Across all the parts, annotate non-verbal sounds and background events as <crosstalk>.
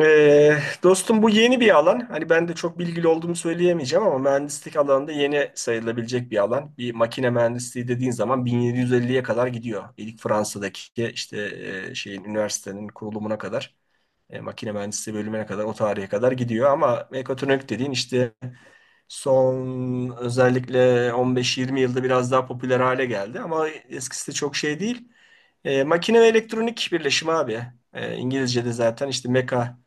Ee, Dostum, bu yeni bir alan. Hani ben de çok bilgili olduğumu söyleyemeyeceğim ama mühendislik alanında yeni sayılabilecek bir alan. Bir makine mühendisliği dediğin zaman 1750'ye kadar gidiyor. İlk Fransa'daki işte şeyin üniversitenin kurulumuna kadar, makine mühendisliği bölümüne kadar o tarihe kadar gidiyor. Ama mekatronik dediğin işte son özellikle 15-20 yılda biraz daha popüler hale geldi. Ama eskisi de çok şey değil. Makine ve elektronik birleşimi abi. İngilizce'de zaten işte meka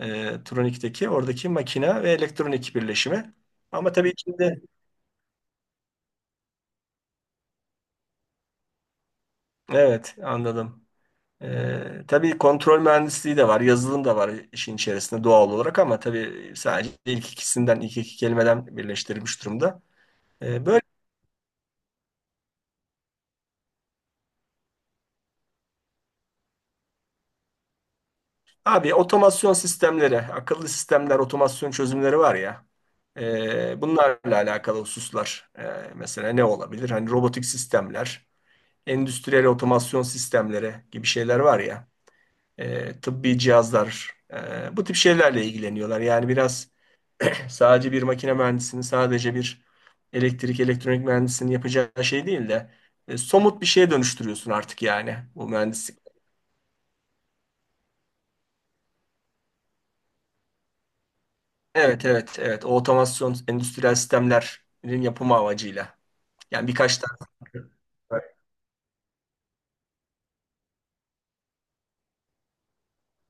e, tronikteki oradaki makine ve elektronik birleşimi. Ama tabii içinde. Evet, anladım. Tabii kontrol mühendisliği de var, yazılım da var işin içerisinde doğal olarak ama tabii sadece ilk ikisinden, ilk iki kelimeden birleştirilmiş durumda. Böyle abi, otomasyon sistemleri, akıllı sistemler, otomasyon çözümleri var ya. Bunlarla alakalı hususlar, mesela ne olabilir? Hani robotik sistemler, endüstriyel otomasyon sistemleri gibi şeyler var ya, tıbbi cihazlar, bu tip şeylerle ilgileniyorlar. Yani biraz sadece bir makine mühendisinin, sadece bir elektrik, elektronik mühendisinin yapacağı şey değil de somut bir şeye dönüştürüyorsun artık, yani bu mühendislik. Evet, evet, evet. O otomasyon endüstriyel sistemlerin yapımı amacıyla. Yani birkaç tane.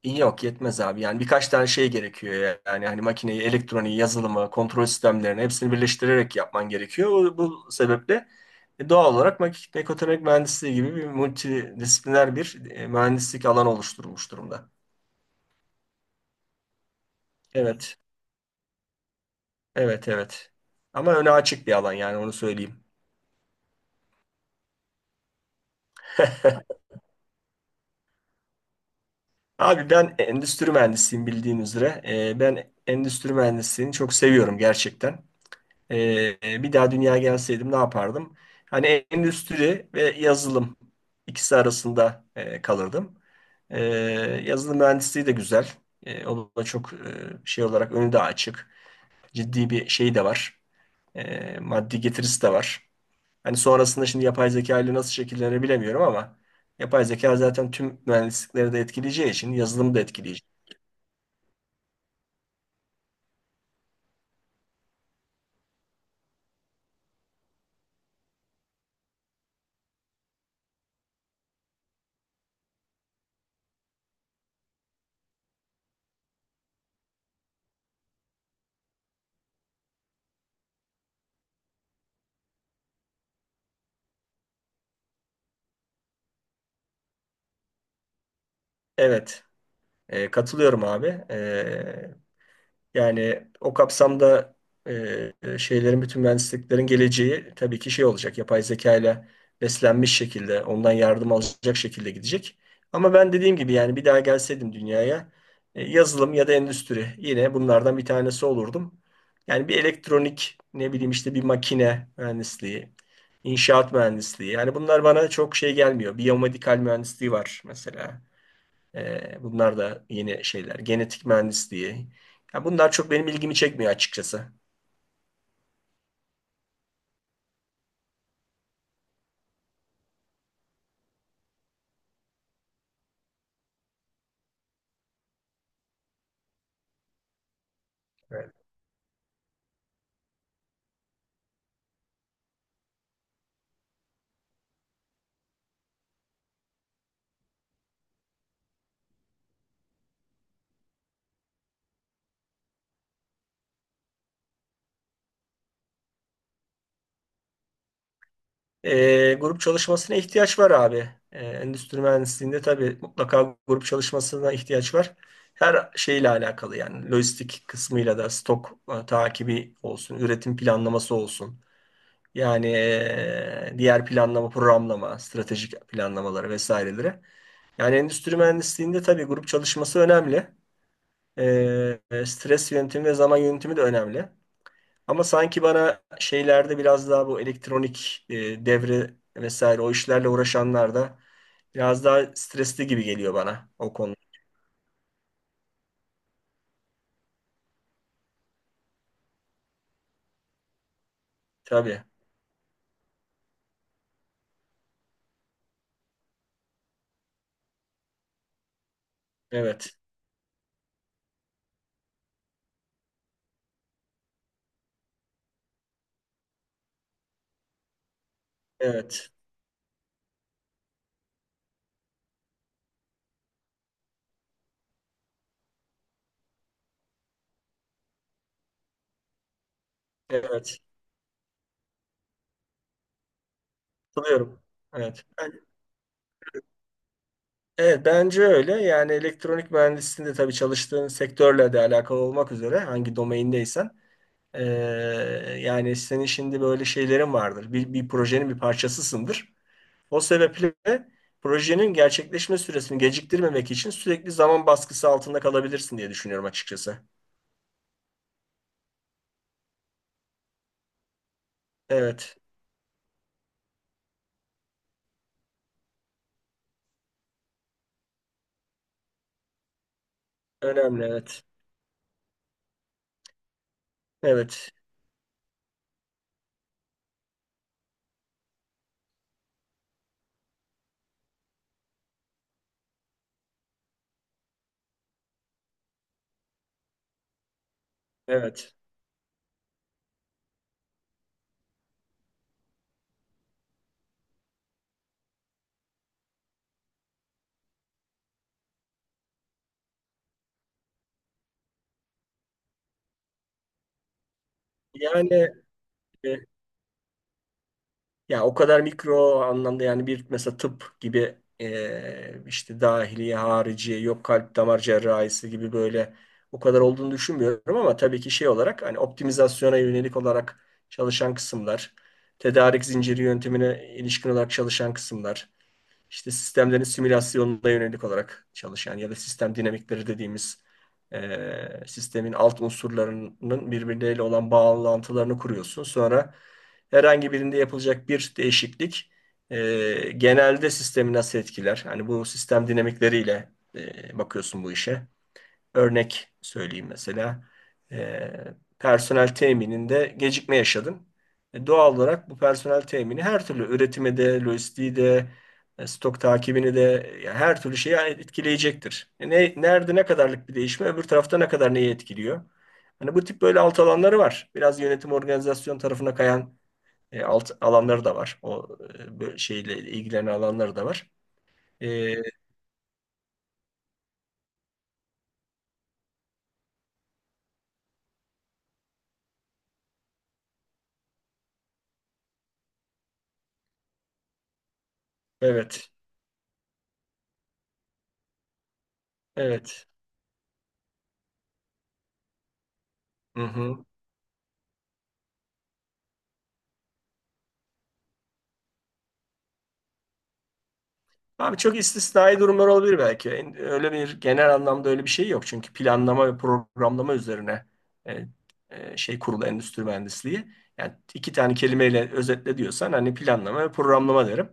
Yok, yetmez abi. Yani birkaç tane şey gerekiyor ya. Yani hani makineyi, elektroniği, yazılımı, kontrol sistemlerini hepsini birleştirerek yapman gerekiyor. Bu sebeple doğal olarak mekatronik mühendisliği gibi bir multidisipliner bir mühendislik alanı oluşturulmuş durumda. Evet. Evet, evet. Ama öne açık bir alan, yani onu söyleyeyim. Abi, ben endüstri mühendisiyim bildiğin üzere. Ben endüstri mühendisliğini çok seviyorum gerçekten. Bir daha dünya gelseydim ne yapardım? Hani endüstri ve yazılım ikisi arasında kalırdım. Ee, Yazılım mühendisliği de güzel. O da çok şey olarak önü de açık. Ciddi bir şey de var. Maddi getirisi de var. Hani sonrasında şimdi yapay zeka ile nasıl şekillenir bilemiyorum ama yapay zeka zaten tüm mühendislikleri de etkileyeceği için yazılımı da etkileyecek. Evet, katılıyorum abi. Yani o kapsamda e, şeylerin, bütün mühendisliklerin geleceği tabii ki şey olacak. Yapay zeka ile beslenmiş şekilde, ondan yardım alacak şekilde gidecek. Ama ben dediğim gibi, yani bir daha gelseydim dünyaya, yazılım ya da endüstri, yine bunlardan bir tanesi olurdum. Yani bir elektronik, ne bileyim işte bir makine mühendisliği, inşaat mühendisliği. Yani bunlar bana çok şey gelmiyor. Biyomedikal mühendisliği var mesela. Bunlar da yeni şeyler. Genetik mühendisliği. Ya bunlar çok benim ilgimi çekmiyor açıkçası. Evet. Grup çalışmasına ihtiyaç var abi. Endüstri mühendisliğinde tabii mutlaka grup çalışmasına ihtiyaç var. Her şeyle alakalı, yani lojistik kısmıyla da, stok takibi olsun, üretim planlaması olsun. Yani diğer planlama, programlama, stratejik planlamaları vesaireleri. Yani endüstri mühendisliğinde tabii grup çalışması önemli. Ee, Stres yönetimi ve zaman yönetimi de önemli. Ama sanki bana şeylerde biraz daha bu elektronik, devre vesaire o işlerle uğraşanlar da biraz daha stresli gibi geliyor bana o konu. Tabii. Evet. Evet. Evet. Katılıyorum. Evet. Evet, bence öyle. Yani elektronik mühendisliğinde tabii çalıştığın sektörle de alakalı olmak üzere, hangi domaindeysen ee, yani senin şimdi böyle şeylerin vardır. Bir projenin bir parçasısındır. O sebeple projenin gerçekleşme süresini geciktirmemek için sürekli zaman baskısı altında kalabilirsin diye düşünüyorum açıkçası. Evet, önemli, evet. Evet, evet. Yani e, ya o kadar mikro anlamda, yani bir, mesela tıp gibi, işte dahiliye, hariciye, yok kalp damar cerrahisi gibi böyle o kadar olduğunu düşünmüyorum ama tabii ki şey olarak hani optimizasyona yönelik olarak çalışan kısımlar, tedarik zinciri yöntemine ilişkin olarak çalışan kısımlar, işte sistemlerin simülasyonuna yönelik olarak çalışan ya da sistem dinamikleri dediğimiz, sistemin alt unsurlarının birbirleriyle olan bağlantılarını kuruyorsun. Sonra herhangi birinde yapılacak bir değişiklik, genelde sistemi nasıl etkiler? Hani bu sistem dinamikleriyle bakıyorsun bu işe. Örnek söyleyeyim mesela. E, Personel temininde gecikme yaşadın. Doğal olarak bu personel temini her türlü üretime de, lojistiği de, stok takibini de, yani her türlü şeyi, yani etkileyecektir. Nerede ne kadarlık bir değişme, öbür tarafta ne kadar neyi etkiliyor? Hani bu tip böyle alt alanları var. Biraz yönetim organizasyon tarafına kayan alt alanları da var. O böyle şeyle ilgilenen alanları da var. E, evet, evet. Hı hı. Abi, çok istisnai durumlar olabilir belki. Öyle bir genel anlamda öyle bir şey yok. Çünkü planlama ve programlama üzerine e, şey kurulu endüstri mühendisliği. Yani iki tane kelimeyle özetle diyorsan hani planlama ve programlama derim.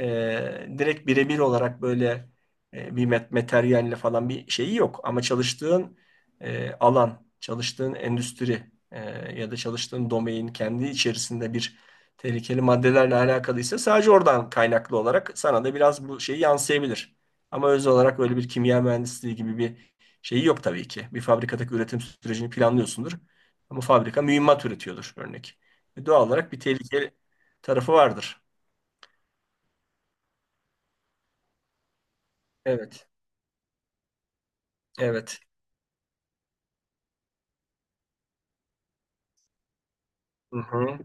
Direkt birebir olarak böyle bir materyalle falan bir şeyi yok. Ama çalıştığın alan, çalıştığın endüstri, ya da çalıştığın domain kendi içerisinde bir tehlikeli maddelerle alakalıysa sadece oradan kaynaklı olarak sana da biraz bu şeyi yansıyabilir. Ama öz olarak öyle bir kimya mühendisliği gibi bir şeyi yok tabii ki. Bir fabrikadaki üretim sürecini planlıyorsundur. Ama fabrika mühimmat üretiyordur örnek. Doğal olarak bir tehlikeli tarafı vardır. Evet, evet. Hı hı.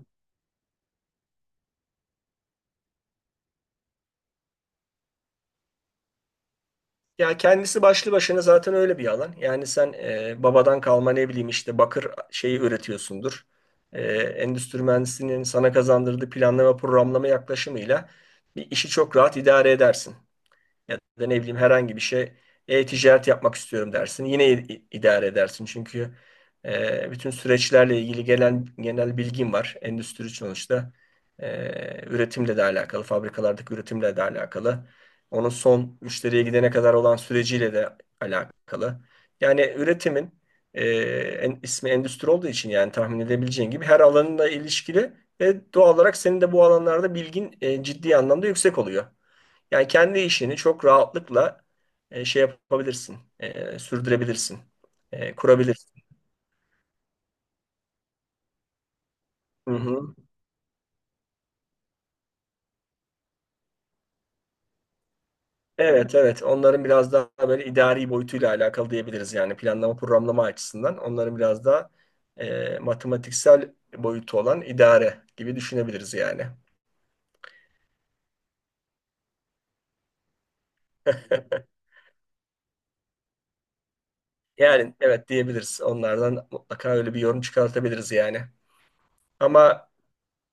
Ya kendisi başlı başına zaten öyle bir alan. Yani sen babadan kalma ne bileyim işte bakır şeyi üretiyorsundur. Endüstri mühendisliğinin sana kazandırdığı planlama programlama yaklaşımıyla bir işi çok rahat idare edersin. Ya da ne bileyim, herhangi bir şey, e-ticaret yapmak istiyorum dersin. Yine idare edersin. Çünkü bütün süreçlerle ilgili gelen genel bilgim var. Endüstri sonuçta üretimle de alakalı, fabrikalardaki üretimle de alakalı. Onun son müşteriye gidene kadar olan süreciyle de alakalı. Yani üretimin e, ismi endüstri olduğu için, yani tahmin edebileceğin gibi, her alanla ilişkili ve doğal olarak senin de bu alanlarda bilgin ciddi anlamda yüksek oluyor. Yani kendi işini çok rahatlıkla şey yapabilirsin, sürdürebilirsin, kurabilirsin. Hı hı. Evet, evet. Onların biraz daha böyle idari boyutuyla alakalı diyebiliriz, yani planlama programlama açısından. Onların biraz daha matematiksel boyutu olan idare gibi düşünebiliriz yani. <laughs> Yani evet, diyebiliriz. Onlardan mutlaka öyle bir yorum çıkartabiliriz yani. Ama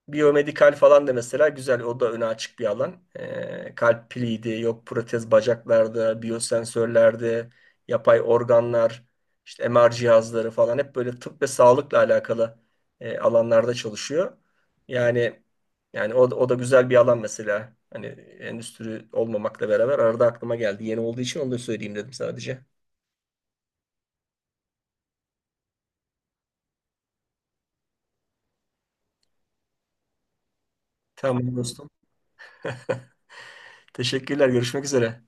biyomedikal falan da mesela güzel. O da öne açık bir alan. Kalp piliydi, yok protez bacaklarda, biyosensörlerde, yapay organlar, işte MR cihazları falan, hep böyle tıp ve sağlıkla alakalı alanlarda çalışıyor. Yani o da güzel bir alan mesela. Hani endüstri olmamakla beraber arada aklıma geldi. Yeni olduğu için onu da söyleyeyim dedim sadece. Tamam dostum. <laughs> Teşekkürler. Görüşmek üzere.